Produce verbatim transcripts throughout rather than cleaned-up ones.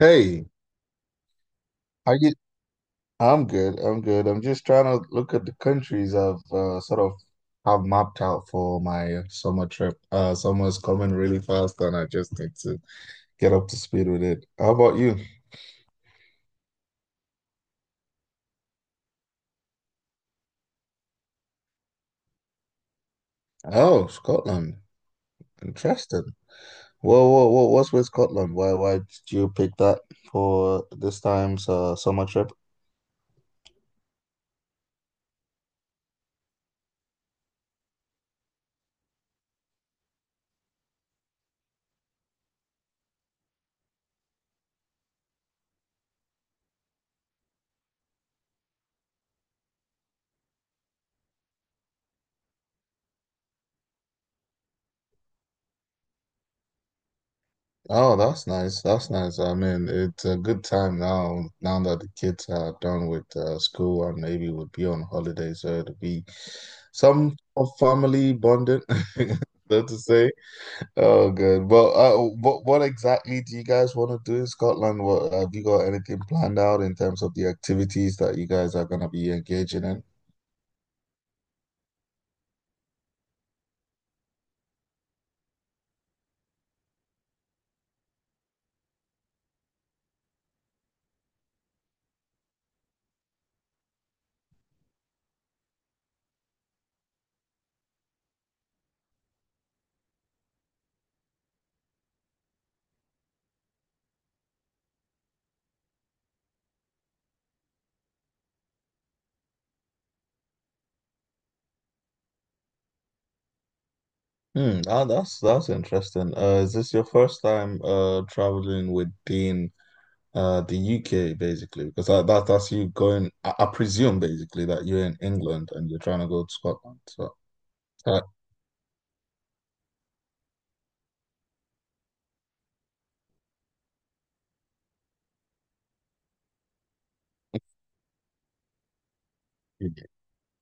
Hey, how you? I'm good. I'm good. I'm just trying to look at the countries I've uh, sort of have mapped out for my summer trip. Uh, summer's coming really fast, and I just need to get up to speed with it. How about you? Oh, Scotland. Interesting. Whoa, whoa, whoa. What's with Scotland? Why, why did you pick that for this time's uh, summer trip? Oh, that's nice. That's nice. I mean, it's a good time now, now that the kids are done with uh, school and maybe would be on holiday, so it'll be some of family bonding, so to say. Oh, good. But uh, what what exactly do you guys want to do in Scotland? What have you got anything planned out in terms of the activities that you guys are going to be engaging in? Hmm, ah, that's that's interesting. Uh, is this your first time uh traveling within Uh, the U K basically, because that, that that's you going. I, I presume basically that you're in England and you're trying to go to Scotland. So, uh,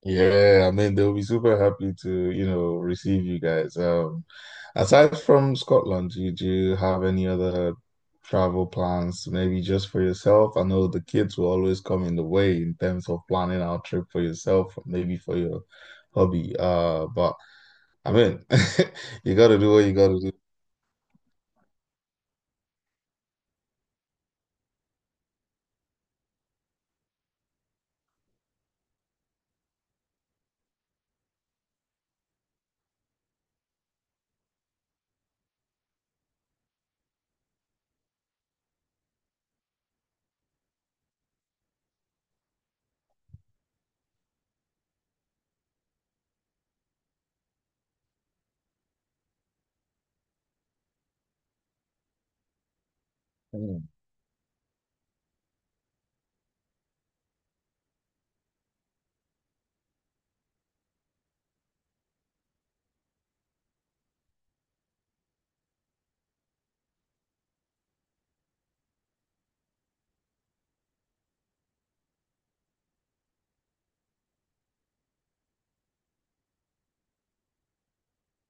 yeah, I mean they'll be super happy to, you know, receive you guys. Um, aside from Scotland, do you, do you have any other travel plans? Maybe just for yourself? I know the kids will always come in the way in terms of planning our trip for yourself, maybe for your hobby. Uh, but I mean, you got to do what you got to do. Mm.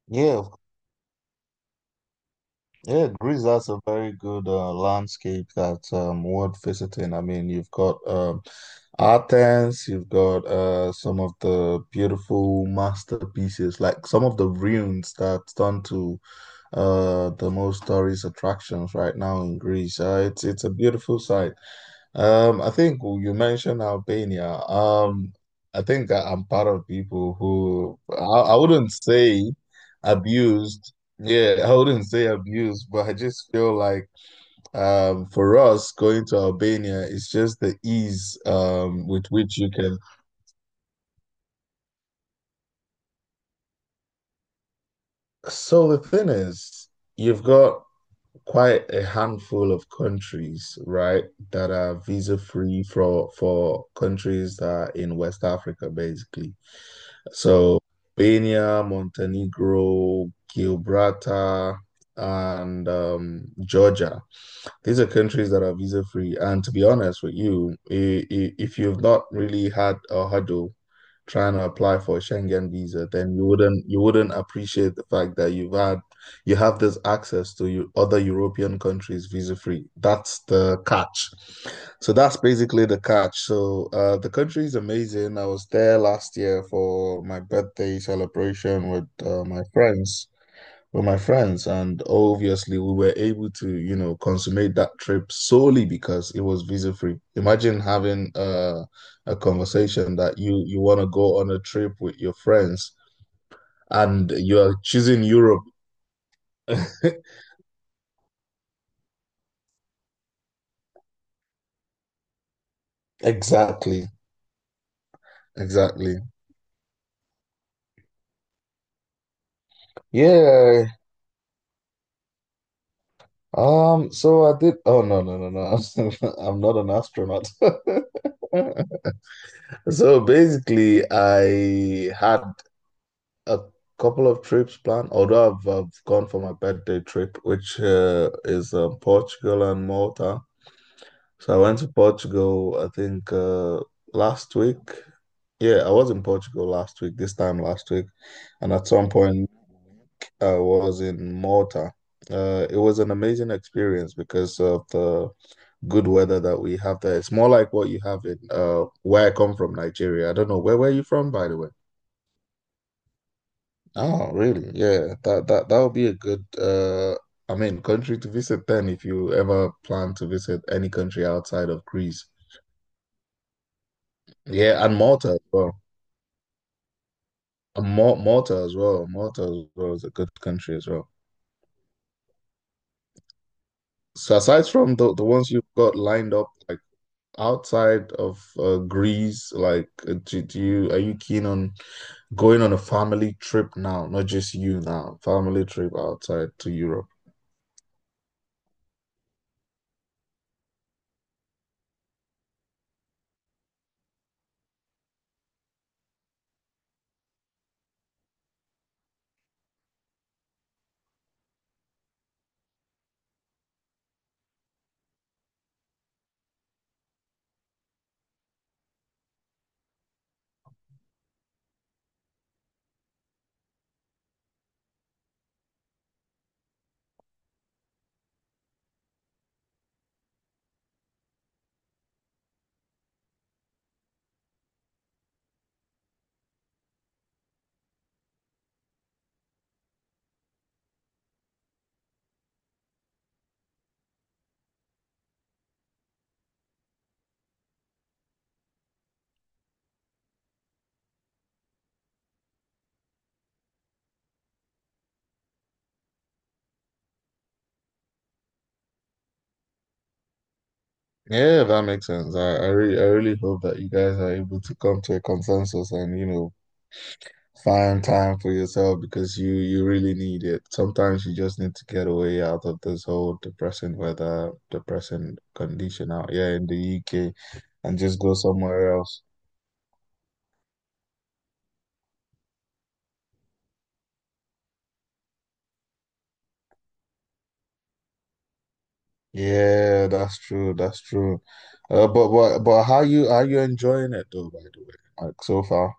Yeah, yeah, Greece has a very good uh, landscape that's um, worth visiting. I mean, you've got um, Athens, you've got uh, some of the beautiful masterpieces, like some of the ruins that's done to uh, the most tourist attractions right now in Greece. Uh, it's it's a beautiful sight. Um, I think you mentioned Albania. Um, I think I- I'm part of people who I, I wouldn't say abused. Yeah, I wouldn't say abused, but I just feel like um, for us going to Albania, it's just the ease um, with which you can. So the thing is, you've got quite a handful of countries, right, that are visa free for for countries that are in West Africa, basically. So Albania, Montenegro, Gibraltar, and um, Georgia. These are countries that are visa free. And to be honest with you, i- i- if you've not really had a hurdle trying to apply for a Schengen visa, then you wouldn't you wouldn't appreciate the fact that you've had you have this access to you, other European countries visa free. That's the catch. So that's basically the catch. So uh, the country is amazing. I was there last year for my birthday celebration with uh, my friends with my friends. And obviously, we were able to, you know, consummate that trip solely because it was visa free. Imagine having a, a conversation that you you want to go on a trip with your friends and you are choosing Europe. Exactly, exactly. Yeah. Um, so I did. Oh no, no, no, no. I'm not an astronaut. So basically, I had a couple of trips planned, although I've, I've gone for my birthday trip, which uh, is uh, Portugal and Malta. So I went to Portugal, I think uh, last week. Yeah, I was in Portugal last week, this time last week. And at some point, I was in Malta. Uh, it was an amazing experience because of the good weather that we have there. It's more like what you have in uh, where I come from, Nigeria. I don't know, where were you from, by the way? Oh, really? Yeah, that that that would be a good uh I mean country to visit then if you ever plan to visit any country outside of Greece. Yeah, and Malta as well. And Mal Malta as well. Malta as well is a good country as well. So aside from the the ones you've got lined up, like outside of uh, Greece, like uh, do, do you are you keen on going on a family trip now, not just you now, family trip outside to Europe. Yeah, that makes sense. I, I really I really hope that you guys are able to come to a consensus and you know find time for yourself because you you really need it. Sometimes you just need to get away out of this whole depressing weather, depressing condition out here in the U K and just go somewhere else. Yeah, that's true. That's true. Uh, but but but how you are you enjoying it though, by the way? Like so far.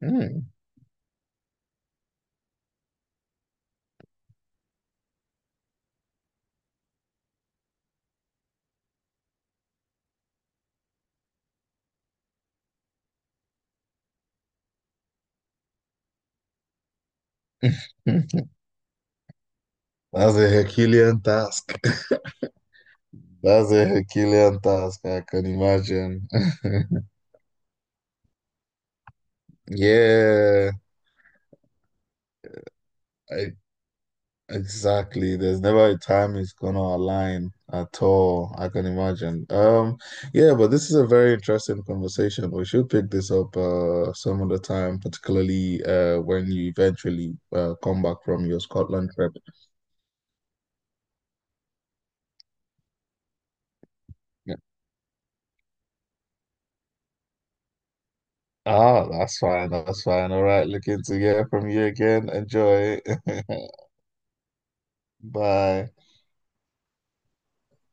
Hmm. That's a Herculean task. That's a Herculean task, I can imagine. Yeah. I exactly. There's never a time it's gonna align at all, I can imagine. Um, yeah, but this is a very interesting conversation. We should pick this up uh some other time, particularly uh when you eventually uh come back from your Scotland trip. Yeah. Ah, that's fine, that's fine. All right, looking to hear from you again. Enjoy. Bye.